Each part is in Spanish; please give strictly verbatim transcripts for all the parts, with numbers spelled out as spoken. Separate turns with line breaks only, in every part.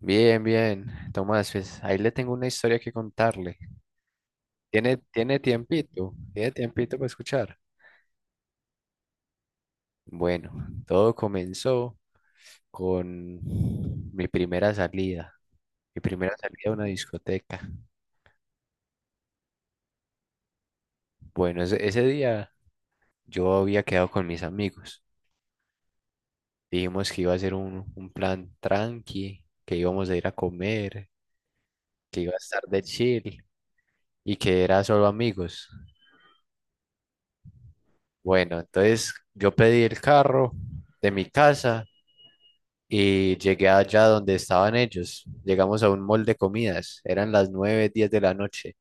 Bien, bien, Tomás, pues ahí le tengo una historia que contarle. ¿Tiene, tiene tiempito? ¿Tiene tiempito para escuchar? Bueno, todo comenzó con mi primera salida, mi primera salida a una discoteca. Bueno, ese, ese día yo había quedado con mis amigos. Dijimos que iba a ser un, un plan tranqui, que íbamos a ir a comer, que iba a estar de chill y que era solo amigos. Bueno, entonces yo pedí el carro de mi casa y llegué allá donde estaban ellos. Llegamos a un mall de comidas, eran las nueve y diez de la noche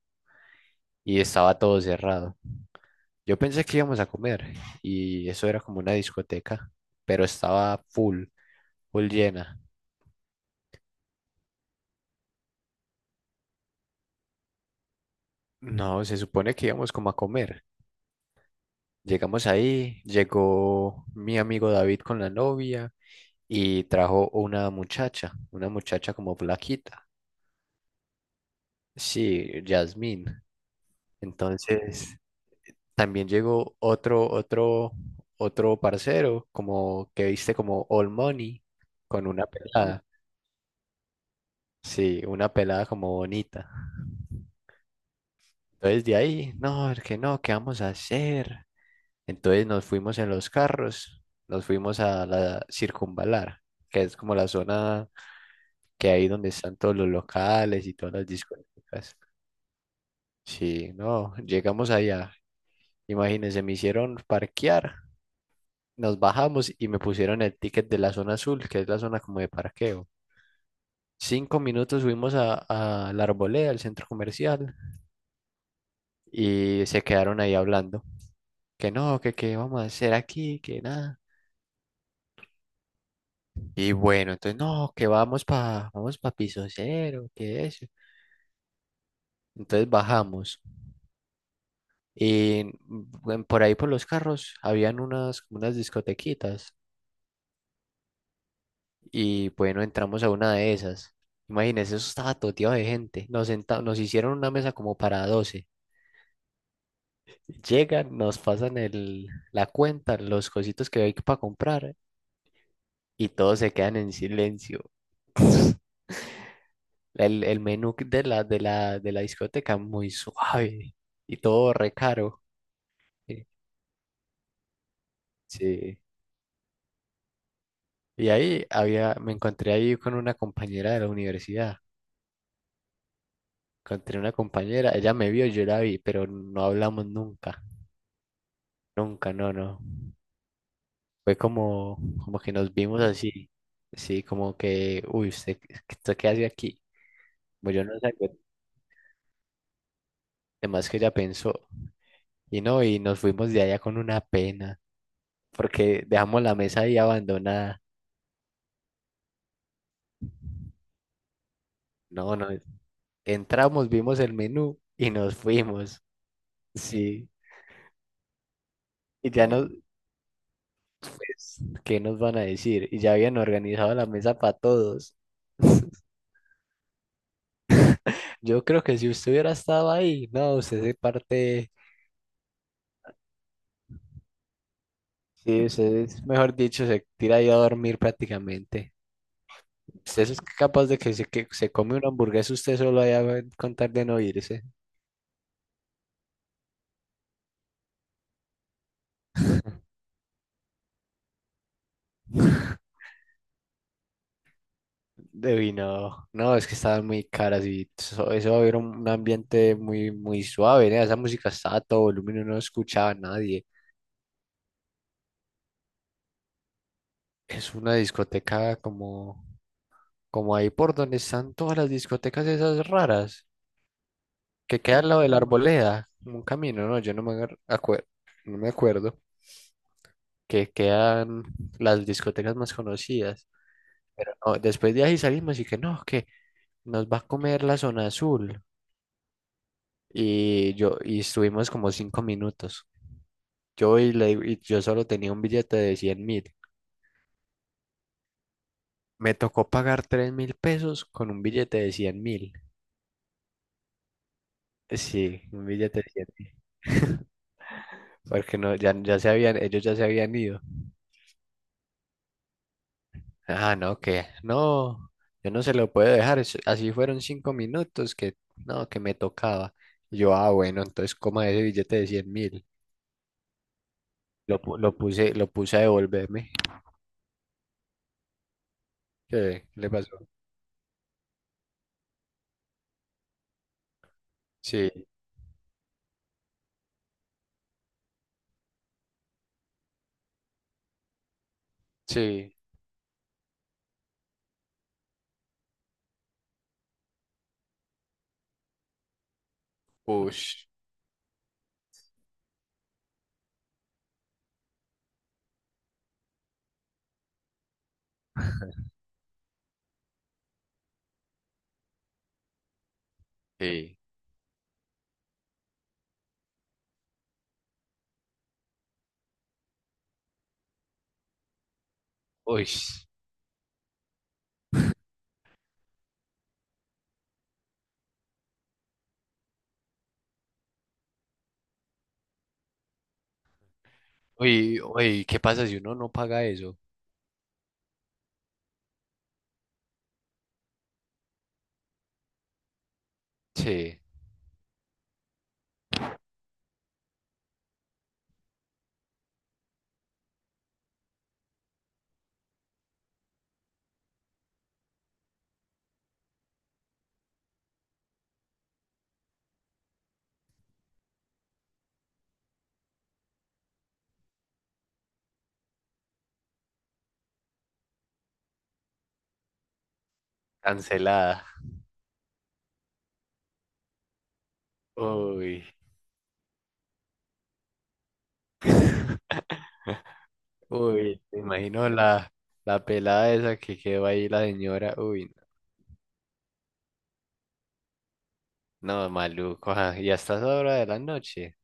y estaba todo cerrado. Yo pensé que íbamos a comer y eso era como una discoteca, pero estaba full, full llena. No, se supone que íbamos como a comer. Llegamos ahí, llegó mi amigo David con la novia y trajo una muchacha, una muchacha como flaquita. Sí, Yasmín. Entonces, también llegó otro, otro, otro parcero, como que viste como All Money, con una pelada. Sí, una pelada como bonita. Entonces de ahí, no, es que no, ¿qué vamos a hacer? Entonces nos fuimos en los carros, nos fuimos a la Circunvalar, que es como la zona que hay donde están todos los locales y todas las discotecas. Sí, no, llegamos allá. Imagínense, me hicieron parquear. Nos bajamos y me pusieron el ticket de la zona azul, que es la zona como de parqueo. Cinco minutos subimos a, a la Arboleda, al centro comercial, y se quedaron ahí hablando. Que no, que qué vamos a hacer aquí, que nada. Y bueno, entonces no, que vamos para vamos pa piso cero, que eso. Entonces bajamos. Y mm, por ahí por los carros habían unas, como unas discotequitas. Y bueno, entramos a una de esas. Imagínense, eso estaba toteado de gente. Nos senta- nos hicieron una mesa como para doce. Llegan, nos pasan el, la cuenta, los cositos que hay para comprar y todos se quedan en silencio. El, el menú de la, de la, de la discoteca muy suave y todo re caro. Eh, Sí. Y ahí había, me encontré ahí con una compañera de la universidad. Encontré una compañera, ella me vio, yo la vi, pero no hablamos nunca. Nunca, no, no. Fue como, como que nos vimos así, sí, como que, uy, usted, ¿usted qué hace aquí? Bueno, yo no sé, algo de que ella pensó. Y no, y nos fuimos de allá con una pena, porque dejamos la mesa ahí abandonada. No, no, entramos, vimos el menú y nos fuimos, sí. Y ya nos, pues, ¿qué nos van a decir? Y ya habían organizado la mesa para todos. Yo creo que si usted hubiera estado ahí, no, usted se parte. Sí, usted, es- mejor dicho, se tira ahí a dormir prácticamente. Usted es capaz de que se, que se come una hamburguesa usted solo allá eh, con tal de no irse. De vino. No, no, es que estaban muy caras y eso, eso era un un ambiente muy, muy suave, ¿eh? Esa música estaba a todo volumen, uno no escuchaba a nadie. Es una discoteca como, como ahí por donde están todas las discotecas esas raras, que queda al lado de la Arboleda, como un camino, ¿no? Yo no me acuerdo, no me acuerdo. Que quedan las discotecas más conocidas. Pero no, después de ahí salimos y que no, que nos va a comer la zona azul. Y yo, y estuvimos como cinco minutos. Yo y, le digo- y yo solo tenía un billete de cien mil. Me tocó pagar tres mil pesos con un billete de cien mil. Sí, un billete de cien mil. Porque no, ya, ya se habían, ellos ya se habían ido. Ah, no, que no, yo no se lo puedo dejar. es- Así fueron cinco minutos que no, que me tocaba. Y yo, ah, bueno, entonces coma ese billete de cien mil. Lo, pu- lo puse, lo puse a devolverme. ¿Qué le pasó? Sí, sí, ush, sí, uy, uy, uy, ¿qué pasa si uno no paga eso? Sí, cancelada. Uy, uy, me imagino la, la pelada esa que quedó ahí, la señora. Uy, no, maluco, ajá, y hasta esa hora de la noche.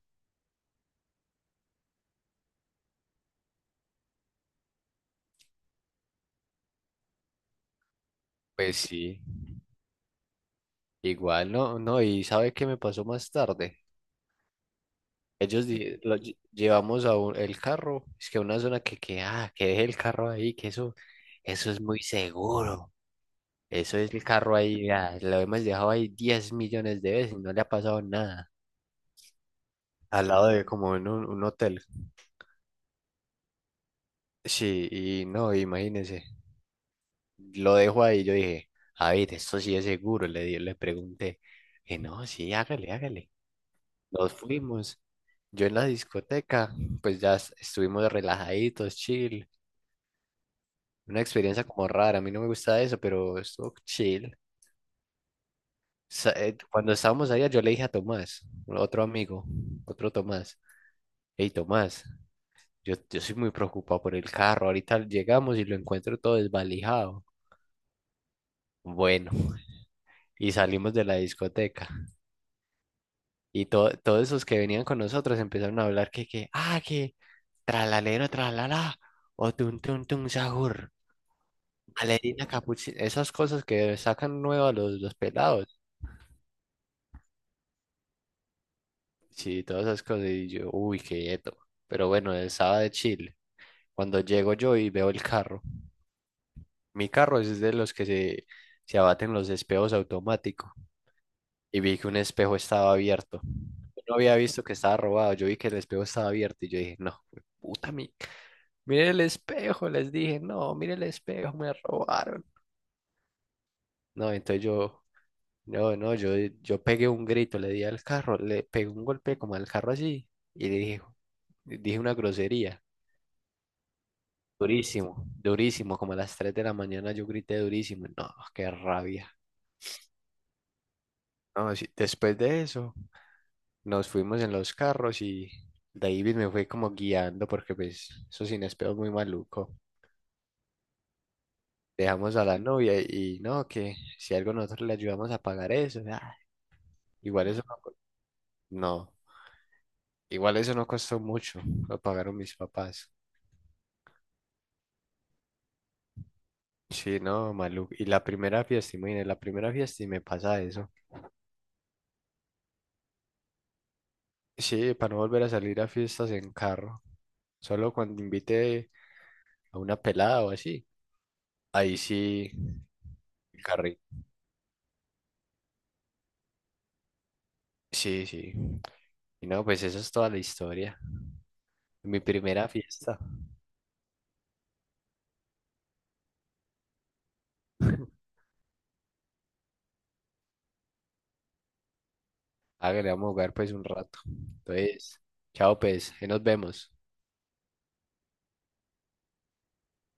Pues sí, igual no, no, y ¿sabe qué me pasó más tarde? Ellos di- lo lle- llevamos a un- el carro, es que a una zona que, que, ah, que deje el carro ahí, que eso, eso es muy seguro, eso es el carro ahí, ah, lo hemos dejado ahí diez millones de veces, no le ha pasado nada, al lado de como en un, un hotel, sí, y no, imagínese, lo dejo ahí, yo dije, a ver, esto sí es seguro, le, di- le pregunté, que no, sí, hágale, hágale. Nos fuimos. Yo en la discoteca, pues ya es- estuvimos relajaditos, chill. Una experiencia como rara, a mí no me gusta eso, pero estuvo chill. Sa- eh, Cuando estábamos allá, yo le dije a Tomás, otro amigo, otro Tomás, hey Tomás, yo, yo soy muy preocupado por el carro, ahorita llegamos y lo encuentro todo desvalijado. Bueno, y salimos de la discoteca y to- todos esos que venían con nosotros empezaron a hablar que, que, ah, que, tralalero, tralala, o tun tun tun sahur. Valerina capuchina, esas cosas que sacan nuevo a los, los pelados. Sí, todas esas cosas. Y yo, uy, quieto. Pero bueno, estaba de Chile. Cuando llego yo y veo el carro. Mi carro es de los que se, se abaten los espejos automáticos. Y vi que un espejo estaba abierto. Yo no había visto que estaba robado. Yo vi que el espejo estaba abierto. Y yo dije, no, puta mi. Mire el espejo, les dije, no, mire el espejo, me robaron. No, entonces yo, no, no, yo, yo pegué un grito, le di al carro, le pegué un golpe como al carro así y le dije, dije una grosería. Durísimo, durísimo, como a las tres de la mañana yo grité durísimo. No, qué rabia. No, sí, después de eso nos fuimos en los carros y David me fue como guiando porque pues eso sin espejo es muy maluco. Dejamos a la novia y no, que si algo nosotros le ayudamos a pagar eso, ah, igual eso no, co- no, igual eso no costó mucho, lo pagaron mis papás. Sí, no, maluco. Y la primera fiesta, imagínate, la primera fiesta y me pasa eso. Sí, para no volver a salir a fiestas en carro. Solo cuando invite a una pelada o así. Ahí sí, el carrito. Sí, sí. Y no, pues esa es toda la historia. Mi primera fiesta. Hágale, vamos a jugar pues un rato. Entonces, chao pues, ahí nos vemos.